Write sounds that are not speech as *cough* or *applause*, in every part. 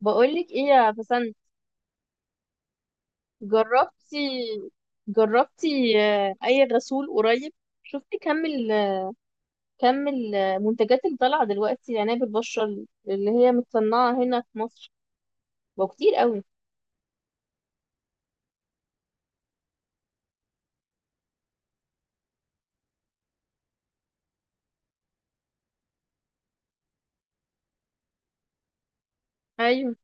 بقولك ايه يا بسنت؟ جربتي جربتي؟ اي غسول قريب؟ شفتي كم المنتجات اللي طالعه دلوقتي لعناية البشرة، اللي هي متصنعه هنا في مصر؟ بقى كتير قوي. ايوه.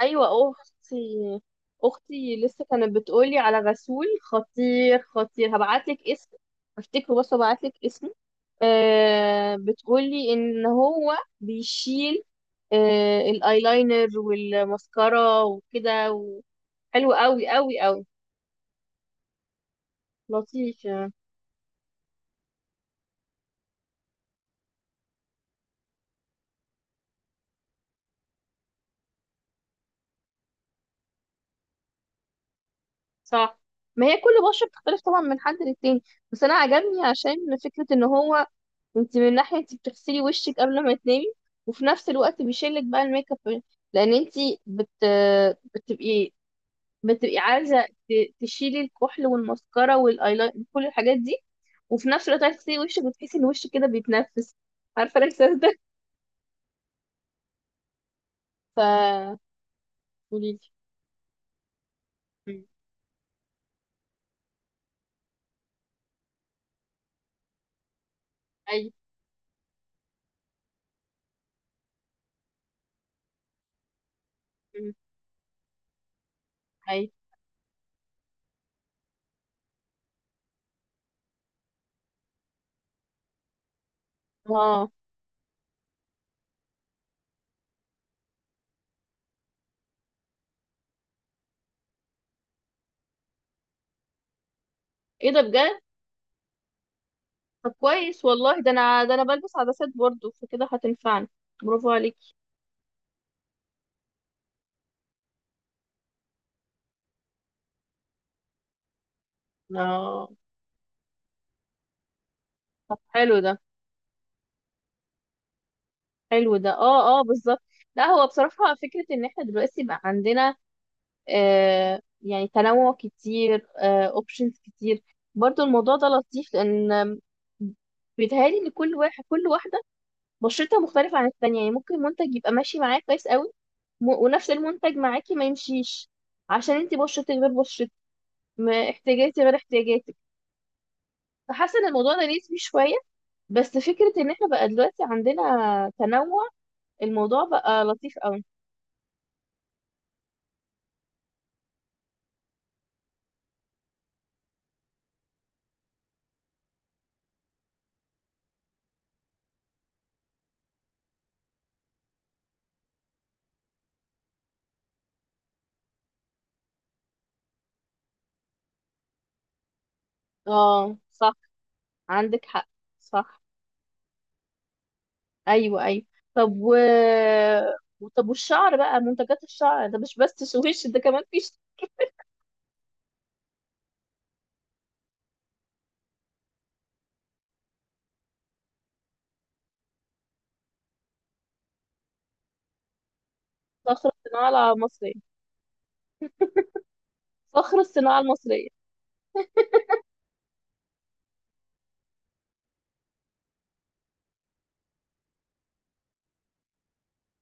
ايوه، اختي لسه كانت بتقولي على غسول خطير خطير، هبعتلك اسم. افتكره، بس هبعتلك اسم. بتقولي ان هو بيشيل، الايلاينر والماسكارا وكده حلو قوي قوي قوي، لطيف يعني. صح، ما هي كل بشرة بتختلف طبعا من حد للتاني، بس انا عجبني عشان فكرة ان هو، انت من ناحية انت بتغسلي وشك قبل ما تنامي، وفي نفس الوقت بيشيلك بقى الميك اب، لان انت بت... بتبقي بتبقي عايزة تشيلي الكحل والمسكرة والايلاين، كل الحاجات دي، وفي نفس الوقت عايزة تغسلي وشك وتحسي ان وشك كده بيتنفس. عارفة الاحساس ده؟ ف قوليلي. مم. اي. مم. اي. اه. ايه ده بجد؟ طب كويس والله، ده انا، بلبس عدسات برضو، فكده هتنفعني. برافو عليكي. اه. طب حلو ده. حلو ده، اه اه، بالظبط. لا، هو بصراحة فكرة ان احنا دلوقتي بقى عندنا، يعني تنوع كتير، اوبشنز كتير، برضو الموضوع ده لطيف، لان بيتهيألي ان كل واحد، كل واحدة، بشرتها مختلفة عن التانية، يعني ممكن منتج يبقى ماشي معاك كويس قوي، ونفس المنتج معاكي ما يمشيش، عشان انتي بشرتك غير بشرتي، احتياجاتي غير احتياجاتك، فحاسة ان الموضوع ده نسبي شوية. بس فكرة ان احنا بقى دلوقتي عندنا تنوع، الموضوع بقى لطيف قوي. اه صح، عندك حق. صح. ايوه ايوه. طب و *laughs* طب والشعر بقى، منتجات الشعر ده مش بس سويش، ده كمان في. صخرة الصناعة المصرية. صخرة الصناعة المصرية.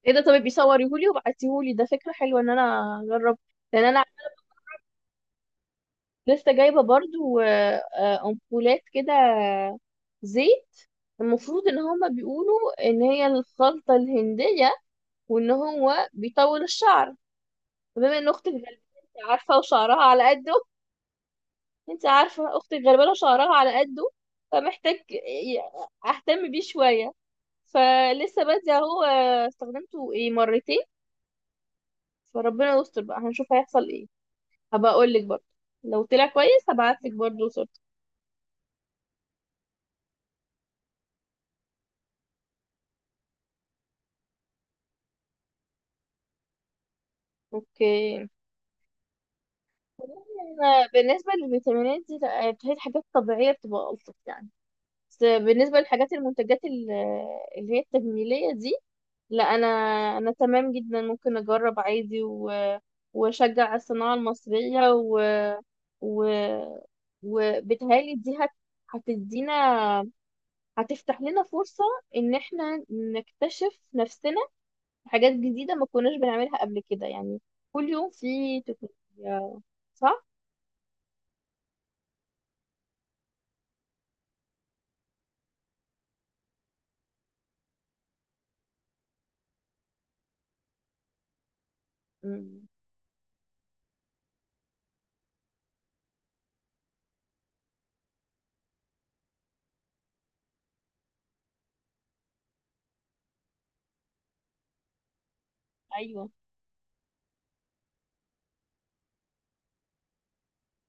ايه ده؟ طب بيصوريهولي وبعتيهولي ده، فكرة حلوة ان انا اجرب، لان انا لسه جايبة برضو امبولات كده، زيت. المفروض ان هما بيقولوا ان هي الخلطة الهندية، وان هو بيطول الشعر. بما ان اختك غالبا، عارفة وشعرها على قد، انت عارفة اختي الغلبانة شعرها على قده، فمحتاج اهتم بيه شوية، فلسه بادئة اهو، استخدمته ايه مرتين، فربنا يستر بقى، هنشوف هيحصل ايه. هبقى اقول لك برضه، لو طلع كويس هبعت لك برضه صورته. اوكي. انا بالنسبة للفيتامينات دي لا، هي الحاجات الطبيعية بتبقى ألطف يعني، بس بالنسبة للحاجات، المنتجات اللي هي التجميلية دي، لا انا، انا تمام جدا، ممكن اجرب عادي واشجع على الصناعه المصريه و... وبتهيألي دي هتدينا، هتفتح لنا فرصه ان احنا نكتشف نفسنا، حاجات جديده ما كناش بنعملها قبل كده يعني. كل يوم في تكنولوجيا، صح؟ مم. ايوه.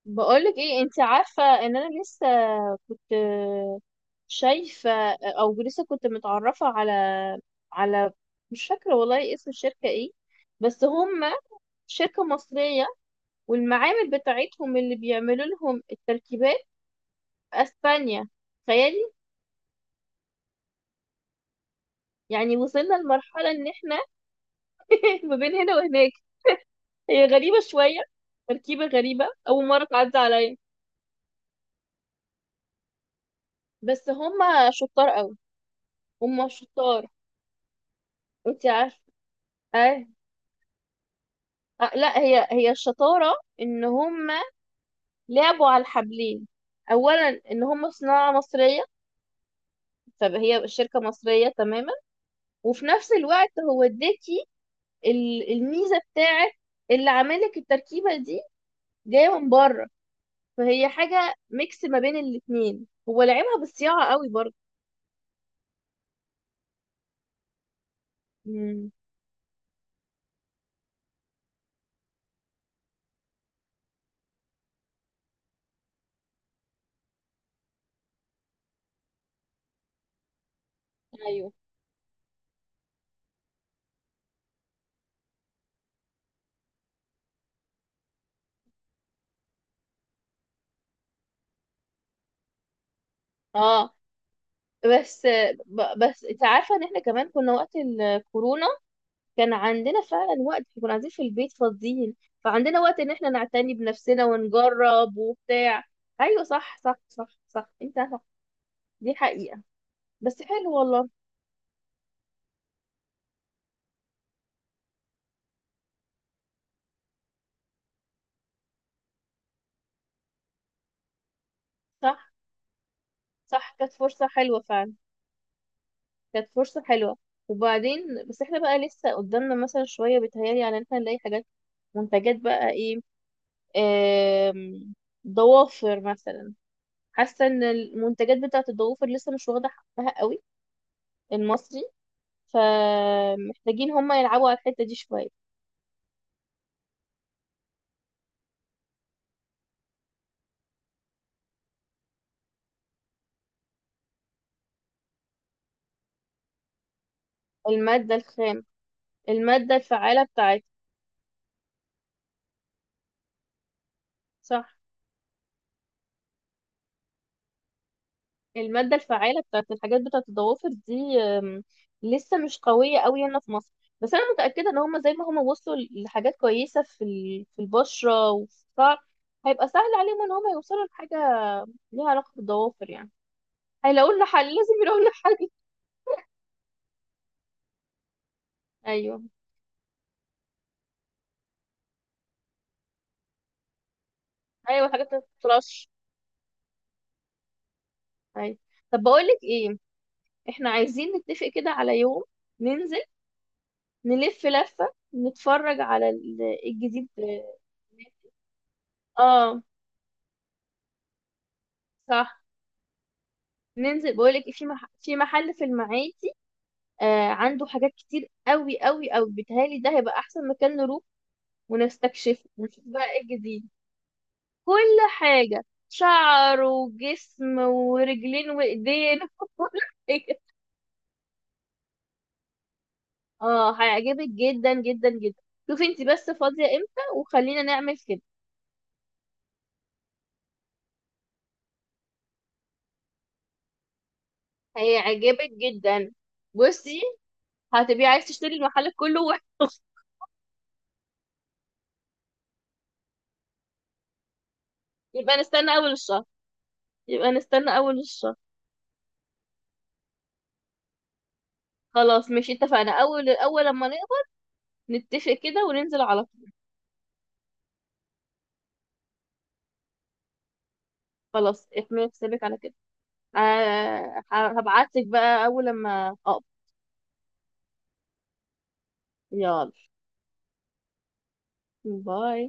بقولك ايه، انت عارفة ان انا لسه كنت شايفة، او لسه كنت متعرفة على، على، مش فاكرة والله اسم الشركة ايه، بس هم شركة مصرية، والمعامل بتاعتهم اللي بيعملوا لهم التركيبات في اسبانيا، تخيلي. يعني وصلنا لمرحلة ان احنا *laughs* ما بين هنا وهناك. هي غريبة شوية، تركيبة غريبة، اول مرة تعدي عليا. بس هم شطار قوي. هم شطار. انت عارفة؟ اه، لا هي، هي الشطارة ان هم لعبوا على الحبلين، اولا ان هم صناعة مصرية، فهي شركة مصرية تماما، وفي نفس الوقت هو اداكي الميزة بتاعت، اللي عاملك التركيبة دي جاية من بره، فهي حاجة ميكس ما بين الاتنين، هو لعبها بالصياعة قوي برضه. مم. ايوه. اه. بس بس انت عارفة ان احنا كمان كنا وقت الكورونا، كان عندنا فعلا وقت، كنا قاعدين في البيت فاضيين، فعندنا وقت ان احنا نعتني بنفسنا ونجرب وبتاع. ايوه صح صح صح صح، انت صح. دي حقيقة. بس حلو والله. صح. صح، كانت فرصة حلوة فعلا، كانت فرصة حلوة. وبعدين، بس احنا بقى لسه قدامنا مثلا شوية، بيتهيألي على ان احنا نلاقي حاجات، منتجات بقى ايه، آم، ضوافر مثلا. حاسة ان المنتجات بتاعت الضوافر لسه مش واخدة حقها قوي، المصري، فمحتاجين هما يلعبوا على الحتة دي شوية. المادة الخام، المادة الفعالة بتاعتها. صح. المادة الفعالة بتاعت الحاجات بتاعت الضوافر دي أم، لسه مش قوية قوي هنا في مصر، بس أنا متأكدة إن هما زي ما هما وصلوا لحاجات كويسة في في البشرة وفي الشعر، هيبقى سهل عليهم إن هما يوصلوا لحاجة ليها علاقة بالضوافر يعني. هيلاقوا لنا حل، لازم يلاقوا لنا حل. أيوه. أيوه الحاجات ما بتطلعش. أيوه. طب بقول لك إيه، إحنا عايزين نتفق كده على يوم، ننزل، نلف لفة، نتفرج على الجديد. اه صح. ننزل بقولك في في محل في المعادي، آه عنده حاجات كتير قوي قوي قوي، بيتهيألي ده هيبقى احسن مكان نروح ونستكشفه، ونشوف بقى ايه الجديد. كل حاجة، شعر وجسم ورجلين وايدين، *laughs* وكل حاجة. اه هيعجبك جدا جدا جدا. شوفي انت بس فاضية امتى، وخلينا نعمل كده. هيعجبك جدا. بصي، هتبقي عايز تشتري المحل كله واحد. *laughs* يبقى نستنى اول الشهر، يبقى نستنى اول الشهر. خلاص ماشي، اتفقنا، اول، اول لما نقبض نتفق كده وننزل على طول. خلاص احمل حسابك على كده، آه هبعتلك بقى اول لما اقبض. يلا، باي.